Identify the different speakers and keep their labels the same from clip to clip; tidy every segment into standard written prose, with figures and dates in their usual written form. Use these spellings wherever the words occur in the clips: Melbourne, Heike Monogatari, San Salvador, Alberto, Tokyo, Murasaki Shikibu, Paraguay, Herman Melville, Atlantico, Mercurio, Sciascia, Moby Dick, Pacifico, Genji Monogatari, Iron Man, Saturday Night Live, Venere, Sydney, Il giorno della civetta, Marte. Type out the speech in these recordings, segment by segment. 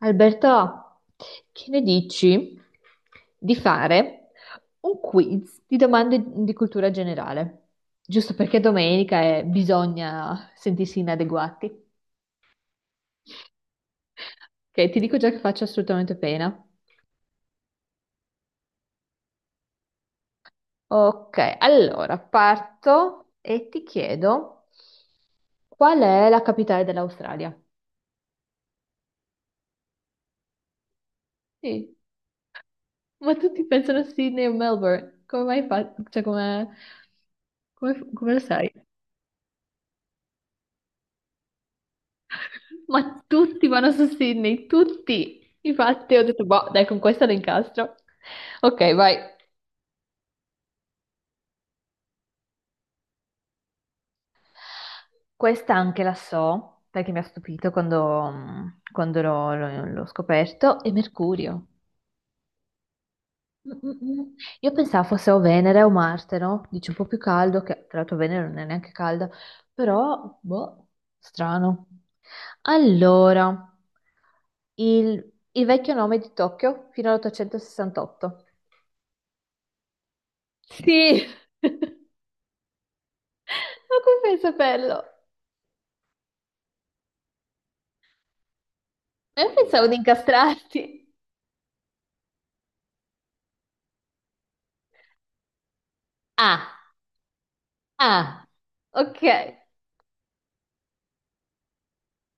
Speaker 1: Alberto, che ne dici di fare un quiz di domande di cultura generale? Giusto perché domenica e bisogna sentirsi inadeguati. Ok, ti dico già che faccio assolutamente pena. Ok, allora parto e ti chiedo qual è la capitale dell'Australia? Sì, ma tutti pensano a Sydney o Melbourne. Come mai fa? Cioè, come lo sai? Ma tutti vanno su Sydney, tutti. Infatti ho detto, boh, dai, con questa lo incastro. Ok, vai. Questa anche la so, perché mi ha stupito quando l'ho scoperto, è Mercurio. Mm, mm, mm. Io pensavo fosse o Venere o Marte, no? Dice un po' più caldo, che tra l'altro Venere non è neanche calda, però, boh, strano. Allora, il vecchio nome di Tokyo fino all'868. Sì, ma come fai a saperlo? Ma io pensavo di incastrarti. Ah, ah, ok,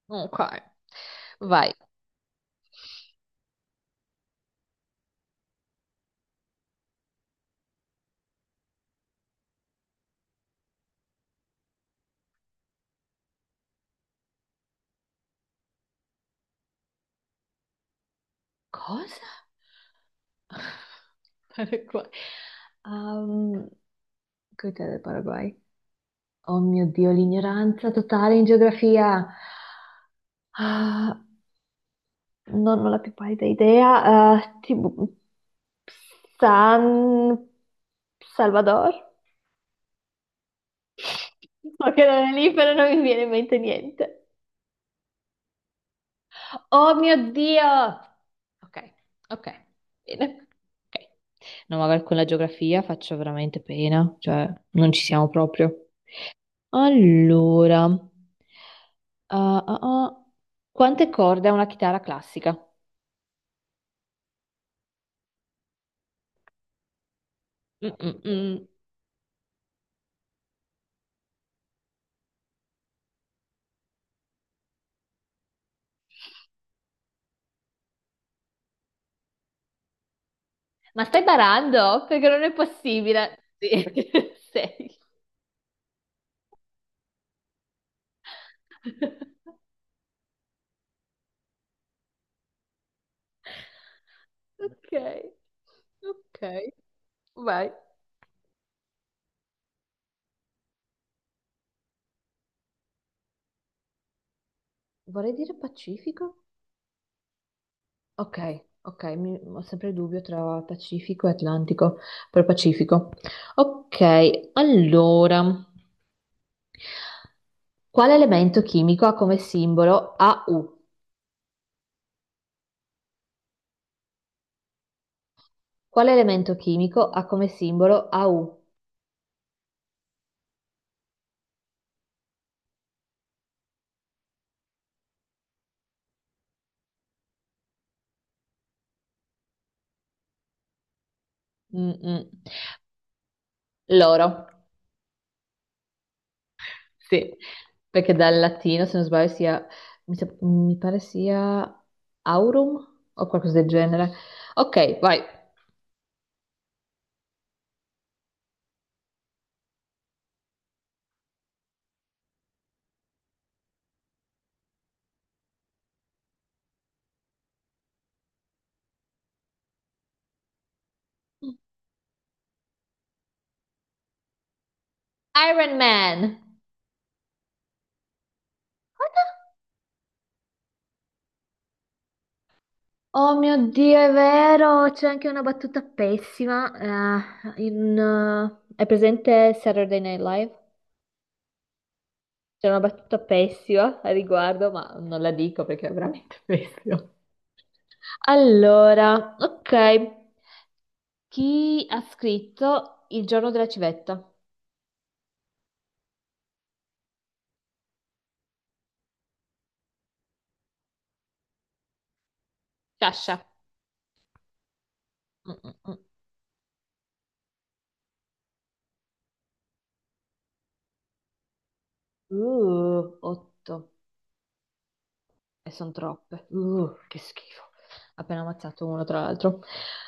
Speaker 1: ok, vai. Cosa? Paraguay. Um, Cos'è del Paraguay? Oh mio Dio, l'ignoranza totale in geografia. Ah, non ho la più pallida idea. Ah, tipo, San Salvador? Ma che non è lì, però non mi viene in mente niente. Oh mio Dio! Ok, ok, bene. Ok. No, magari con la geografia faccio veramente pena, cioè non ci siamo proprio. Allora, ah, ah. quante corde ha una chitarra classica? Mm, mm, mm. Ma stai barando? Perché non è possibile. Sì. Sei. Ok, ok, vai. Vorrei dire Pacifico? Ok, ok, ho sempre il dubbio tra Pacifico e Atlantico, per Pacifico. Ok, allora, quale elemento chimico ha come simbolo AU? Quale elemento chimico ha come simbolo AU? Mm-mm. L'oro, sì, perché dal latino, se non sbaglio, mi pare sia aurum o qualcosa del genere. Ok, vai. Iron Man! Oh mio Dio, è vero, c'è anche una battuta pessima. È presente Saturday Night Live? C'è una battuta pessima a riguardo, ma non la dico perché è veramente pessima. Allora, ok, chi ha scritto Il giorno della civetta? Sciascia. Mm, mm, mm. Otto, e sono troppe. Che schifo. Appena ammazzato uno tra l'altro.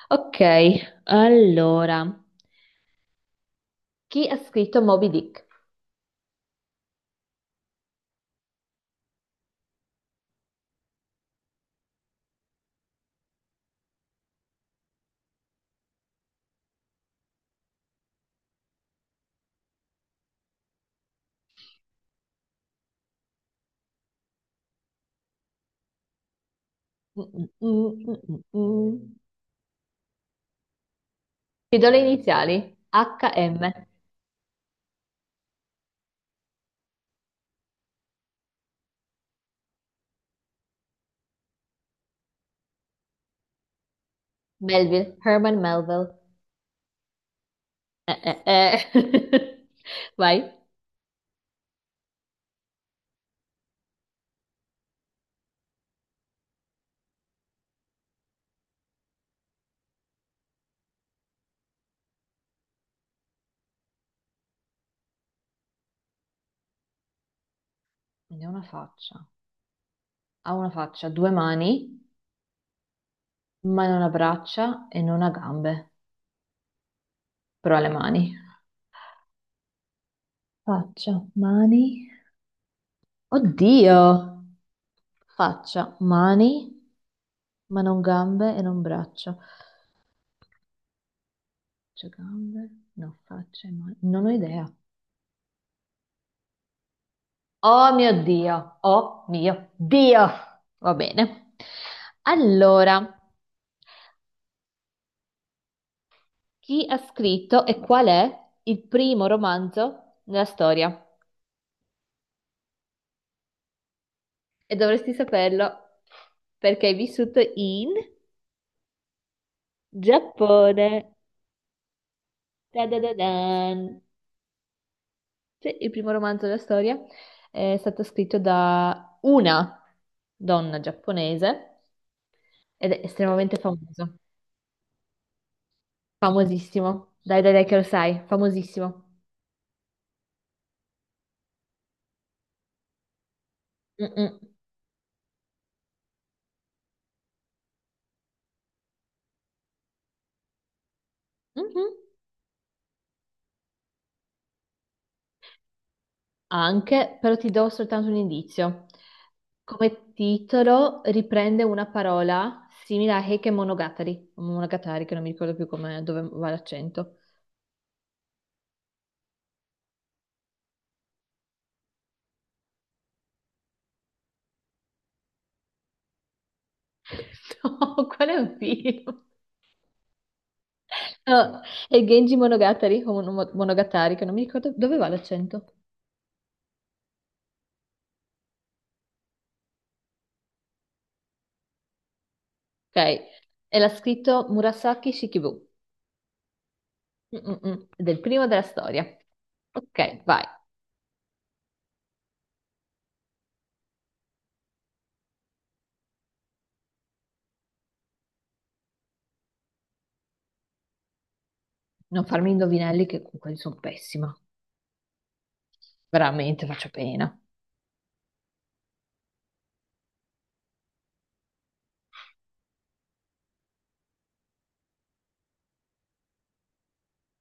Speaker 1: Ok, allora. Chi ha scritto Moby Dick? Mm, mm, mm, mm, mm, mm. Ti do le iniziali. HM. Melville. Herman Melville. Eh. Vai. Ne ha una faccia. Ha una faccia, due mani, ma non ha braccia e non ha gambe, però ha le mani. Faccia, mani. Oddio! Faccia, mani, ma non gambe e non braccia. Faccia, gambe, no, faccia e mani. Non ho idea. Oh mio Dio, oh mio Dio. Va bene. Allora, chi ha scritto e qual è il primo romanzo nella storia? E dovresti saperlo perché hai vissuto in Giappone. Ta-da-da-dan. Sì, il primo romanzo della storia è stato scritto da una donna giapponese ed è estremamente famoso. Famosissimo. Dai, dai, dai, che lo sai. Famosissimo. Mm-mm. Mhm. Anche, però ti do soltanto un indizio. Come titolo riprende una parola simile a Heike Monogatari, o Monogatari che non mi ricordo più come, dove va l'accento. No, qual è un film? No, è Genji Monogatari, o Monogatari che non mi ricordo dove va l'accento. Ok, e l'ha scritto Murasaki Shikibu, mm-mm-mm, del primo della storia. Ok, vai, non farmi indovinelli che con quelli sono pessima, veramente faccio pena.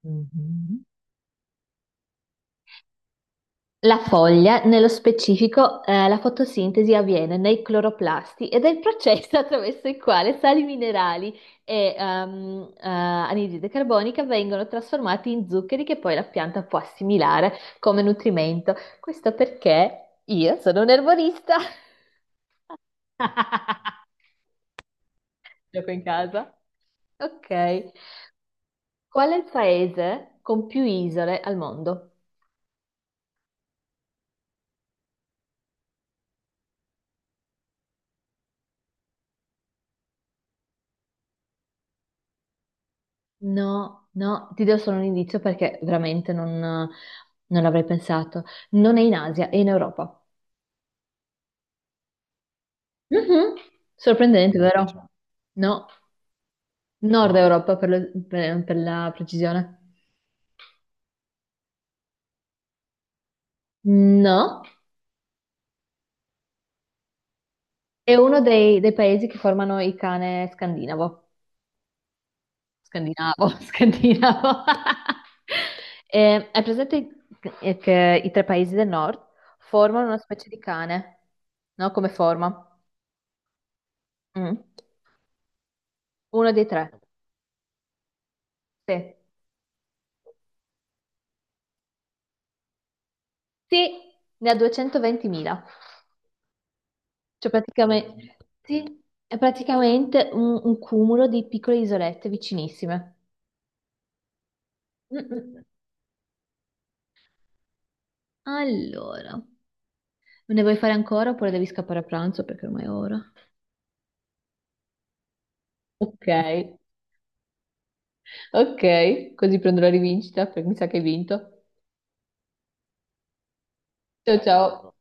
Speaker 1: Mhm. La foglia, nello specifico, la fotosintesi avviene nei cloroplasti ed è il processo attraverso il quale sali minerali e anidride carbonica vengono trasformati in zuccheri che poi la pianta può assimilare come nutrimento. Questo perché io sono un erborista. Gioco in casa. Ok. Qual è il paese con più isole al mondo? No, no, ti do solo un indizio perché veramente non l'avrei pensato. Non è in Asia, è in Europa. Mhm. Sorprendente, Norvegia, vero? No, nord no. Europa per la precisione. No, è uno dei paesi che formano il cane scandinavo. Scandinavo, scandinavo. Hai presente che i tre paesi del nord formano una specie di cane, no? Come forma? Mm. Uno dei tre. Sì, sì, ne ha 220.000, cioè praticamente, sì, è praticamente un cumulo di piccole isolette vicinissime. Mm, mm. Allora, ne vuoi fare ancora oppure devi scappare a pranzo perché ormai è ora? Ok, ok, così prendo la rivincita perché mi sa che hai vinto. Ciao ciao.